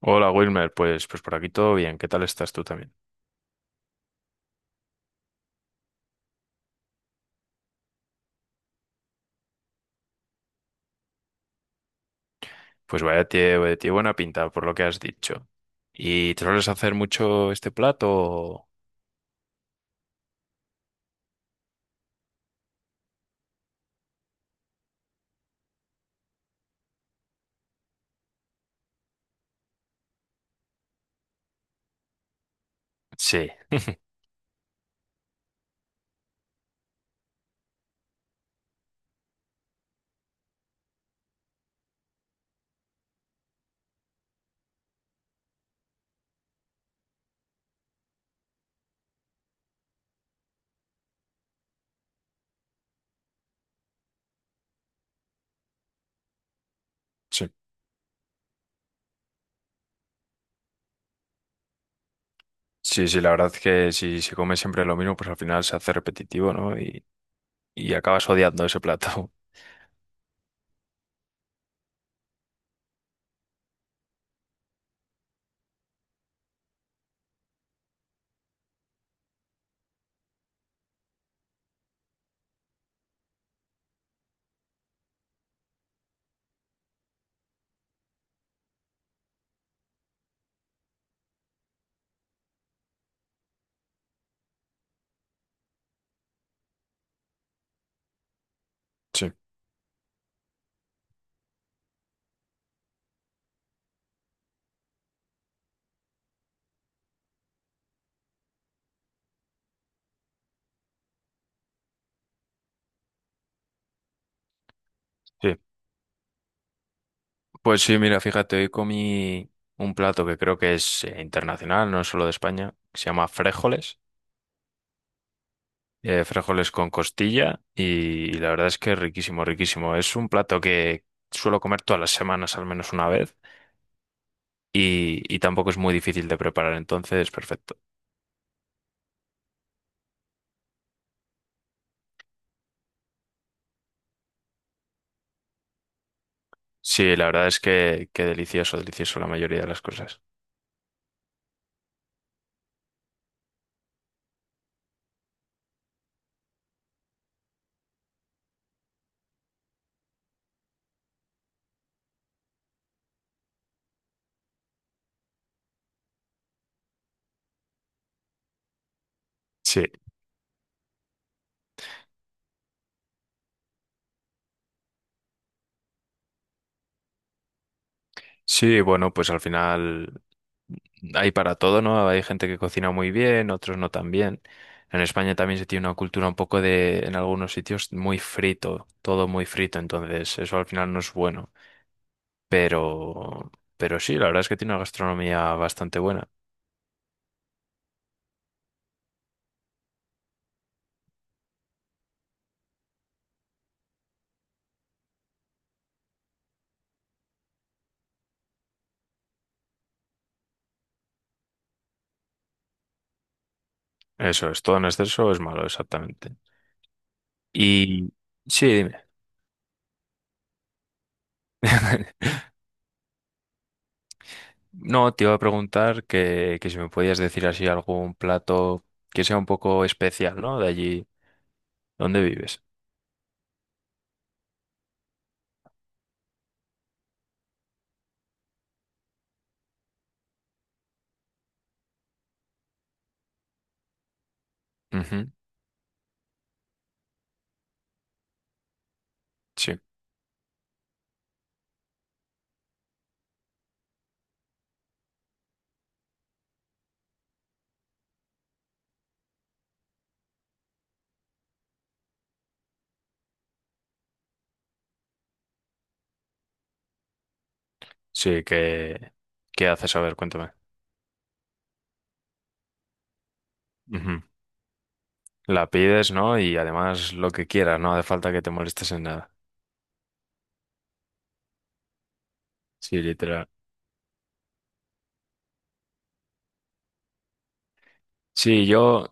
Hola Wilmer, pues por aquí todo bien, ¿qué tal estás tú también? Pues vaya tiene buena pinta por lo que has dicho. ¿Y te sueles hacer mucho este plato? O- Sí, sí. Sí, sí, la verdad es que si se come siempre lo mismo, pues al final se hace repetitivo, ¿no? Y acabas odiando ese plato. Sí, sí. Pues sí, mira, fíjate, hoy comí un plato que creo que es internacional, no es solo de España, que se llama frijoles. Eh, frijoles con costilla y la verdad es que es riquísimo, riquísimo. Es un plato que suelo comer todas las semanas al menos una vez y tampoco es muy difícil de preparar, entonces perfecto. Sí, la verdad es que delicioso, delicioso la mayoría de las cosas. Sí, sí, bueno, pues al final hay para todo, ¿no? Hay gente que cocina muy bien, otros no tan bien. En España también se tiene una cultura un poco de, en algunos sitios, muy frito, todo muy frito, entonces eso al final no es bueno. Pero, pero sí, la verdad es que tiene una gastronomía bastante buena. Eso es, todo en exceso es malo, exactamente. Y sí, dime. No, te iba a preguntar que si me podías decir así algún plato que sea un poco especial, ¿no? De allí donde vives. Ujú. Sí, sí, que, ¿qué haces? A ver, cuéntame. Ujú. La pides, ¿no? Y además lo que quieras, no hace falta que te molestes en nada. Sí, literal. Sí, yo,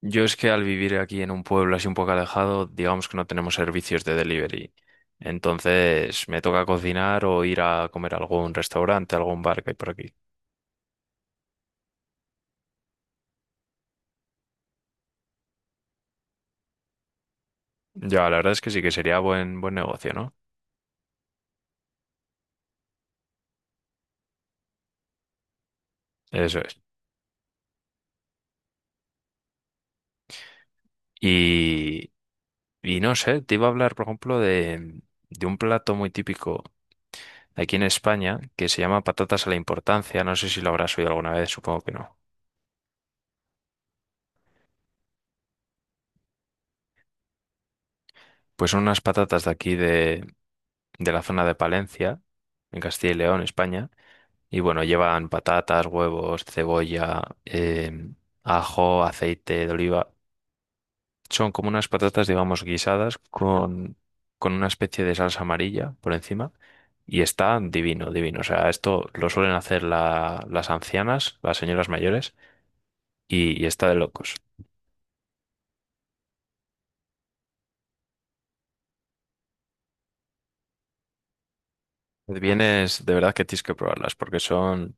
Yo es que al vivir aquí en un pueblo así un poco alejado, digamos que no tenemos servicios de delivery. Entonces me toca cocinar o ir a comer a algún restaurante, a algún bar que hay por aquí. Ya, la verdad es que sí que sería buen, buen negocio, ¿no? Eso es. Y, y no sé, te iba a hablar, por ejemplo, de un plato muy típico aquí en España que se llama patatas a la importancia. No sé si lo habrás oído alguna vez, supongo que no. Pues son unas patatas de aquí de la zona de Palencia, en Castilla y León, España. Y bueno, llevan patatas, huevos, cebolla, ajo, aceite de oliva. Son como unas patatas, digamos, guisadas con una especie de salsa amarilla por encima. Y está divino, divino. O sea, esto lo suelen hacer las ancianas, las señoras mayores, y está de locos. Vienes, de verdad que tienes que probarlas, porque son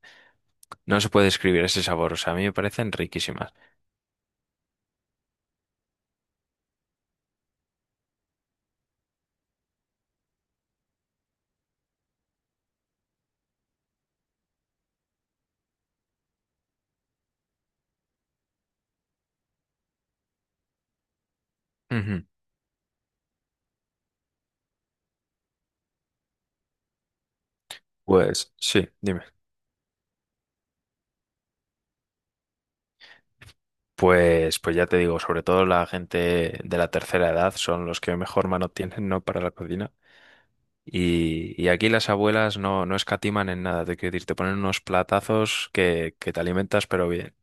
no se puede describir ese sabor, o sea, a mí me parecen riquísimas. Ujú. Pues sí, dime. Pues, pues ya te digo, sobre todo la gente de la tercera edad son los que mejor mano tienen, ¿no? Para la cocina. Y aquí las abuelas no, no escatiman en nada, te quiero decir, te ponen unos platazos que te alimentas, pero bien.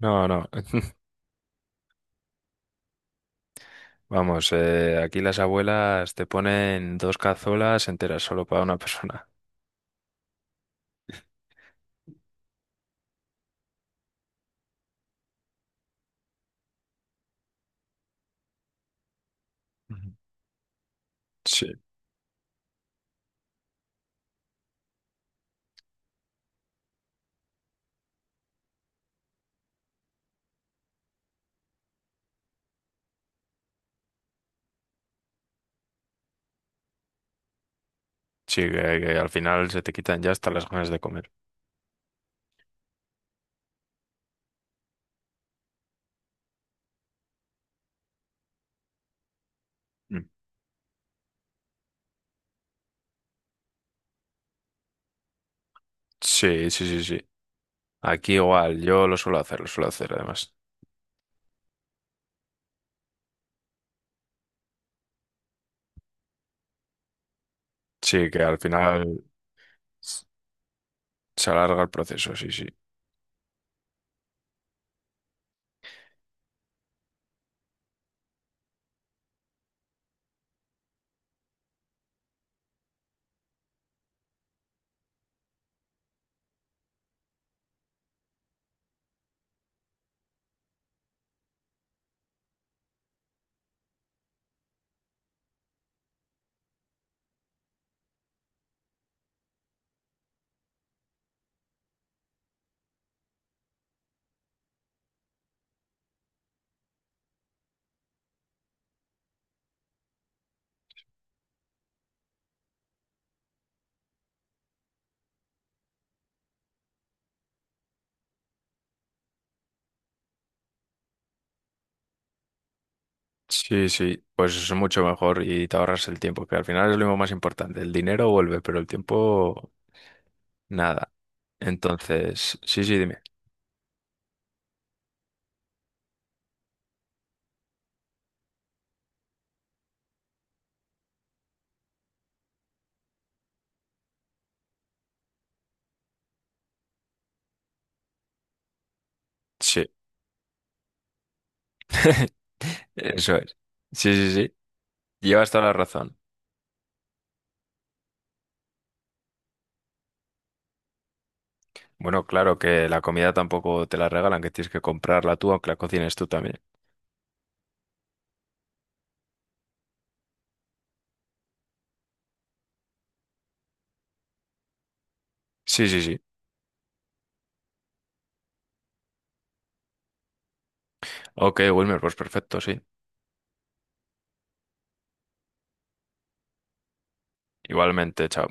No, no, vamos, aquí las abuelas te ponen dos cazuelas enteras solo para una persona. Ujú. Sí, sí, que al final se te quitan ya hasta las ganas de comer. Mm. Sí, sí, sí, sí. Aquí igual, yo lo suelo hacer además. Sí, que al final s- se alarga el proceso, sí, sí. Sí, sí, pues es mucho mejor y te ahorras el tiempo, que al final es lo más importante. El dinero vuelve, pero el tiempo, nada. Entonces, sí, sí, dime. Sí, eso es. Sí, sí, sí. Llevas toda la razón. Bueno, claro que la comida tampoco te la regalan, que tienes que comprarla tú, aunque la cocines tú también. Sí, sí, sí. Ok, Wilmer, pues perfecto, sí. Igualmente, chao.